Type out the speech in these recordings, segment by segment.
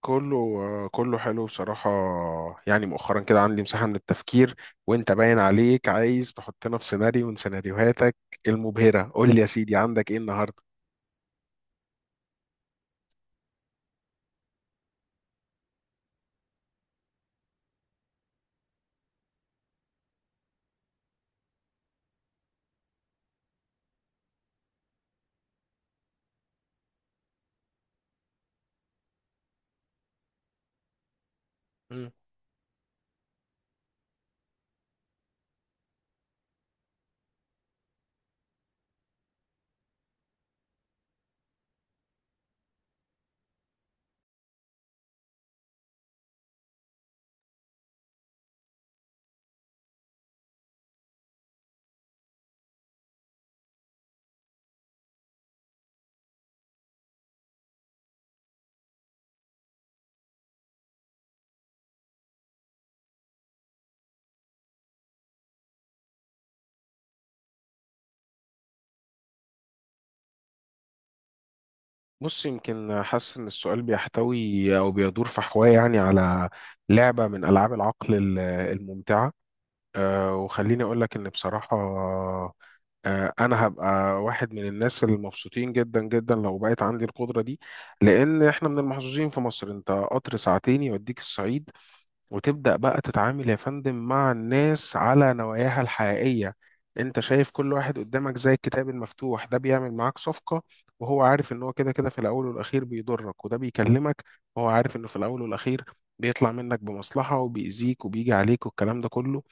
كله حلو بصراحة. يعني مؤخرا كده عندي مساحة من التفكير، وانت باين عليك عايز تحطنا في سيناريو من سيناريوهاتك المبهرة. قول لي يا سيدي عندك ايه النهاردة؟ مم. بص، يمكن حاسس ان السؤال بيحتوي او بيدور في حواه يعني على لعبة من العاب العقل الممتعة. وخليني اقول لك ان بصراحة، انا هبقى واحد من الناس المبسوطين جدا جدا لو بقيت عندي القدرة دي. لان احنا من المحظوظين في مصر، انت قطر ساعتين يوديك الصعيد، وتبدأ بقى تتعامل يا فندم مع الناس على نواياها الحقيقية. انت شايف كل واحد قدامك زي الكتاب المفتوح، ده بيعمل معاك صفقة وهو عارف ان هو كده كده في الاول والاخير بيضرك، وده بيكلمك وهو عارف انه في الاول والاخير بيطلع منك بمصلحة وبيأذيك وبيجي عليك، والكلام ده كله.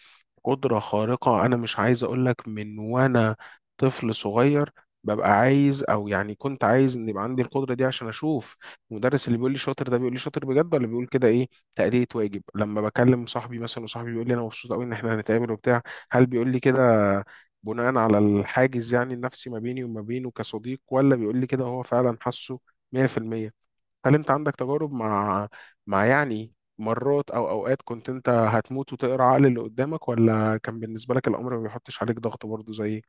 قدرة خارقة أنا مش عايز أقولك، من وأنا طفل صغير ببقى عايز، أو يعني كنت عايز إن يبقى عندي القدرة دي عشان أشوف المدرس اللي بيقول لي شاطر، ده بيقول لي شاطر بجد ولا بيقول كده إيه، تأدية واجب. لما بكلم صاحبي مثلا وصاحبي بيقول لي أنا مبسوط أوي إن إحنا هنتقابل وبتاع، هل بيقول لي كده بناء على الحاجز يعني النفسي ما بيني وما بينه كصديق، ولا بيقول لي كده هو فعلا حاسه 100%؟ هل انت عندك تجارب مع، مع يعني مرات او اوقات كنت انت هتموت وتقرا عقل اللي قدامك، ولا كان بالنسبه لك الامر ما بيحطش عليك ضغط برضه زي؟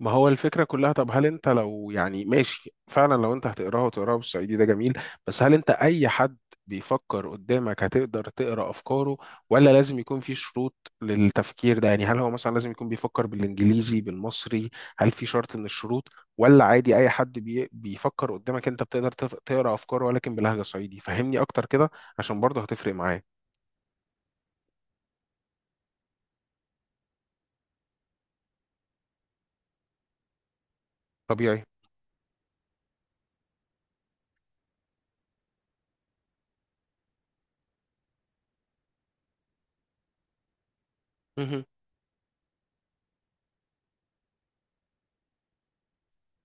ما هو الفكرة كلها، طب هل انت لو يعني ماشي، فعلا لو انت هتقراها وتقراها بالصعيدي ده جميل، بس هل انت اي حد بيفكر قدامك هتقدر تقرا افكاره؟ ولا لازم يكون في شروط للتفكير ده؟ يعني هل هو مثلا لازم يكون بيفكر بالانجليزي بالمصري؟ هل في شرط من الشروط؟ ولا عادي اي حد بيفكر قدامك انت بتقدر تقرا افكاره، ولكن بلهجة صعيدي؟ فهمني اكتر كده، عشان برضه هتفرق معايا. طبيعي.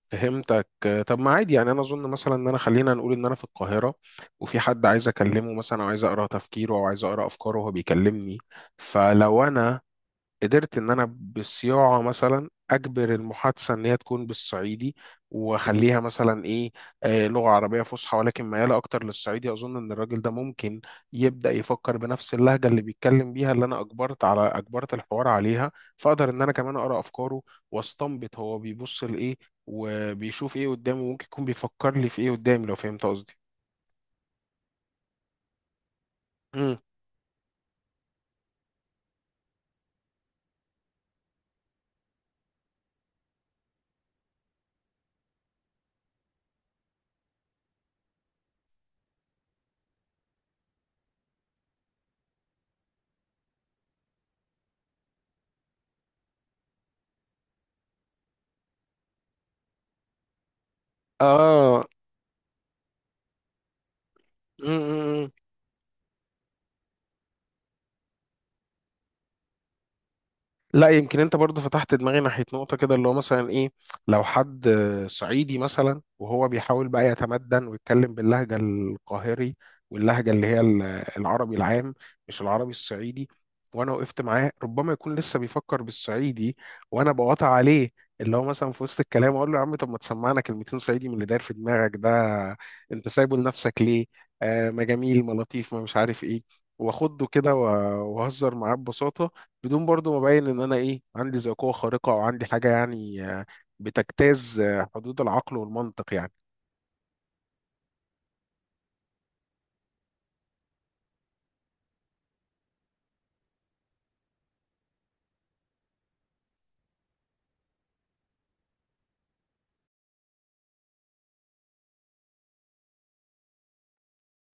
فهمتك. طب ما عادي يعني، انا اظن مثلا ان انا، خلينا نقول ان انا في القاهره وفي حد عايز اكلمه مثلا، او عايز اقرا تفكيره او عايز اقرا افكاره وهو بيكلمني، فلو انا قدرت ان انا بالصياعه مثلا اجبر المحادثه ان هي تكون بالصعيدي، واخليها مثلا ايه، آه لغه عربيه فصحى ولكن مياله اكتر للصعيدي، اظن ان الراجل ده ممكن يبدا يفكر بنفس اللهجه اللي بيتكلم بيها، اللي انا اجبرت على، اجبرت الحوار عليها، فاقدر ان انا كمان اقرا افكاره واستنبط هو بيبص لايه وبيشوف ايه قدامه، ممكن يكون بيفكر لي في ايه قدامي، لو فهمت قصدي. امم. اه. مم. لا يمكن انت برضو فتحت دماغي ناحية نقطة كده، اللي هو مثلا ايه، لو حد صعيدي مثلا وهو بيحاول بقى يتمدن ويتكلم باللهجة القاهري، واللهجة اللي هي العربي العام، مش العربي الصعيدي، وانا وقفت معاه، ربما يكون لسه بيفكر بالصعيدي وانا بقاطع عليه، اللي هو مثلا في وسط الكلام اقول له يا عم طب ما تسمعنا كلمتين صعيدي من اللي داير في دماغك ده، انت سايبه لنفسك ليه؟ آه ما جميل، ما لطيف، ما مش عارف ايه. واخده كده واهزر معاه ببساطة، بدون برضو ما ابين ان انا ايه، عندي ذي قوه خارقه او عندي حاجه يعني بتجتاز حدود العقل والمنطق يعني.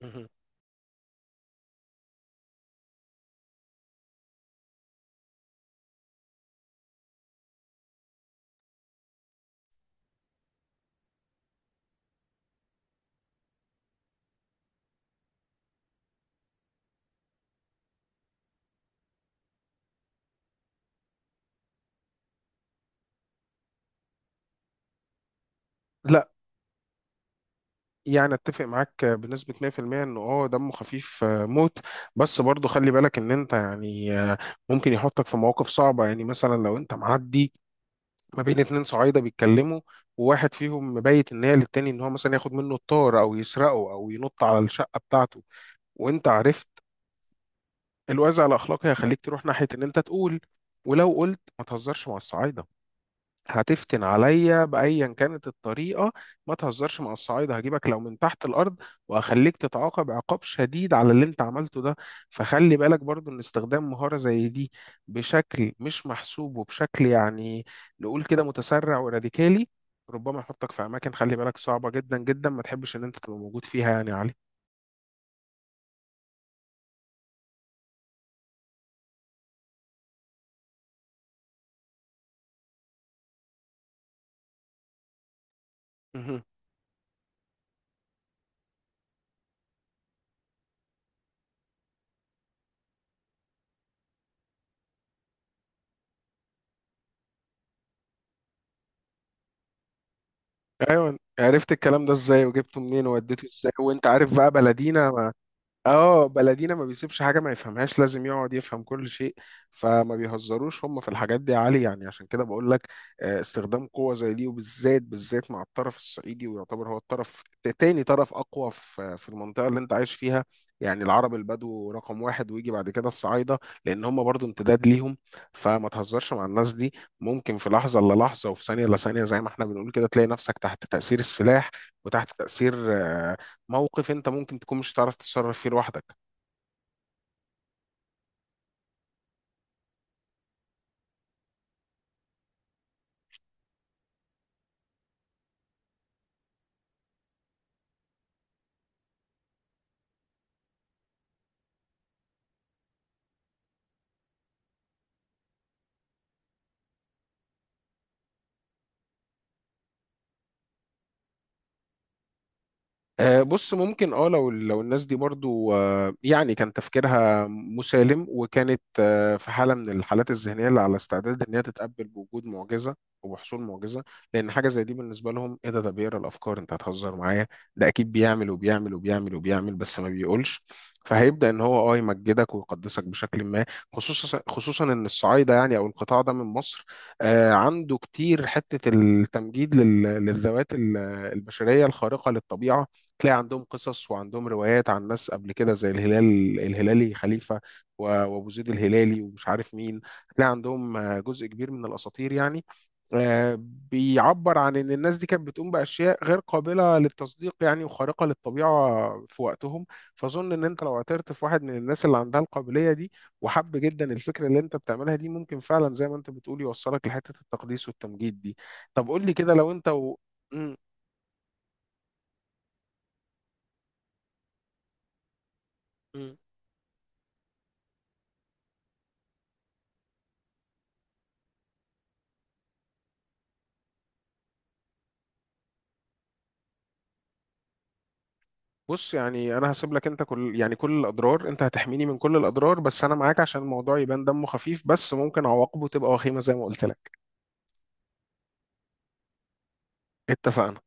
مهم. لا يعني اتفق معاك بنسبة 100% انه اه دمه خفيف موت، بس برضو خلي بالك ان انت يعني، ممكن يحطك في مواقف صعبة. يعني مثلا لو انت معدي ما بين اتنين صعايدة بيتكلموا، وواحد فيهم مبيت ان هي للتاني ان هو مثلا ياخد منه الطار او يسرقه او ينط على الشقة بتاعته، وانت عرفت، الوازع الاخلاقي هيخليك تروح ناحيه ان انت تقول. ولو قلت ما تهزرش مع الصعايده، هتفتن عليا بايا كانت الطريقه، ما تهزرش مع الصعايده هجيبك لو من تحت الارض، وهخليك تتعاقب عقاب شديد على اللي انت عملته ده. فخلي بالك برضو ان استخدام مهاره زي دي بشكل مش محسوب، وبشكل يعني نقول كده متسرع وراديكالي، ربما يحطك في اماكن، خلي بالك، صعبه جدا جدا ما تحبش ان انت تبقى موجود فيها، يعني يا علي. ايوه، عرفت الكلام ده ازاي وجبته منين ووديته ازاي، وانت عارف بقى بلدينا. اه، بلدينا ما بيسيبش حاجة ما يفهمهاش، لازم يقعد يفهم كل شيء. فما بيهزروش هم في الحاجات دي يا علي، يعني عشان كده بقول لك، استخدام قوة زي دي وبالذات بالذات مع الطرف الصعيدي، ويعتبر هو الطرف، تاني طرف أقوى في في المنطقة اللي أنت عايش فيها. يعني العرب البدو رقم واحد، ويجي بعد كده الصعايدة، لأن هم برضو امتداد ليهم. فما تهزرش مع الناس دي، ممكن في لحظة إلا لحظة وفي ثانية إلا ثانية زي ما احنا بنقول كده، تلاقي نفسك تحت تأثير السلاح، وتحت تأثير موقف انت ممكن تكون مش هتعرف تتصرف فيه لوحدك. بص، ممكن، اه لو لو الناس دي برضو يعني كان تفكيرها مسالم، وكانت في حاله من الحالات الذهنيه اللي على استعداد ان هي تتقبل بوجود معجزه وبحصول معجزه، لان حاجه زي دي بالنسبه لهم ايه، ده ده بيقرا الافكار، انت هتهزر معايا، ده اكيد بيعمل وبيعمل وبيعمل وبيعمل بس ما بيقولش، فهيبدا ان هو اه يمجدك ويقدسك بشكل ما. خصوصا خصوصا ان الصعايده يعني او القطاع ده من مصر، عنده كتير حته التمجيد للذوات البشريه الخارقه للطبيعه. تلاقي عندهم قصص وعندهم روايات عن ناس قبل كده زي الهلال الهلالي خليفة، وأبو زيد الهلالي ومش عارف مين. هتلاقي عندهم جزء كبير من الأساطير يعني، آه، بيعبر عن إن الناس دي كانت بتقوم بأشياء غير قابلة للتصديق يعني وخارقة للطبيعة في وقتهم. فأظن إن أنت لو اعترت في واحد من الناس اللي عندها القابلية دي، وحب جدا الفكرة اللي أنت بتعملها دي، ممكن فعلا زي ما أنت بتقول يوصلك لحتة التقديس والتمجيد دي. طب قول لي كده لو أنت و... مم. مم. بص، يعني انا هسيب لك انت كل، يعني كل الاضرار، انت هتحميني من كل الاضرار، بس انا معاك عشان الموضوع يبان دمه خفيف، بس ممكن عواقبه تبقى وخيمة زي ما قلت لك. اتفقنا.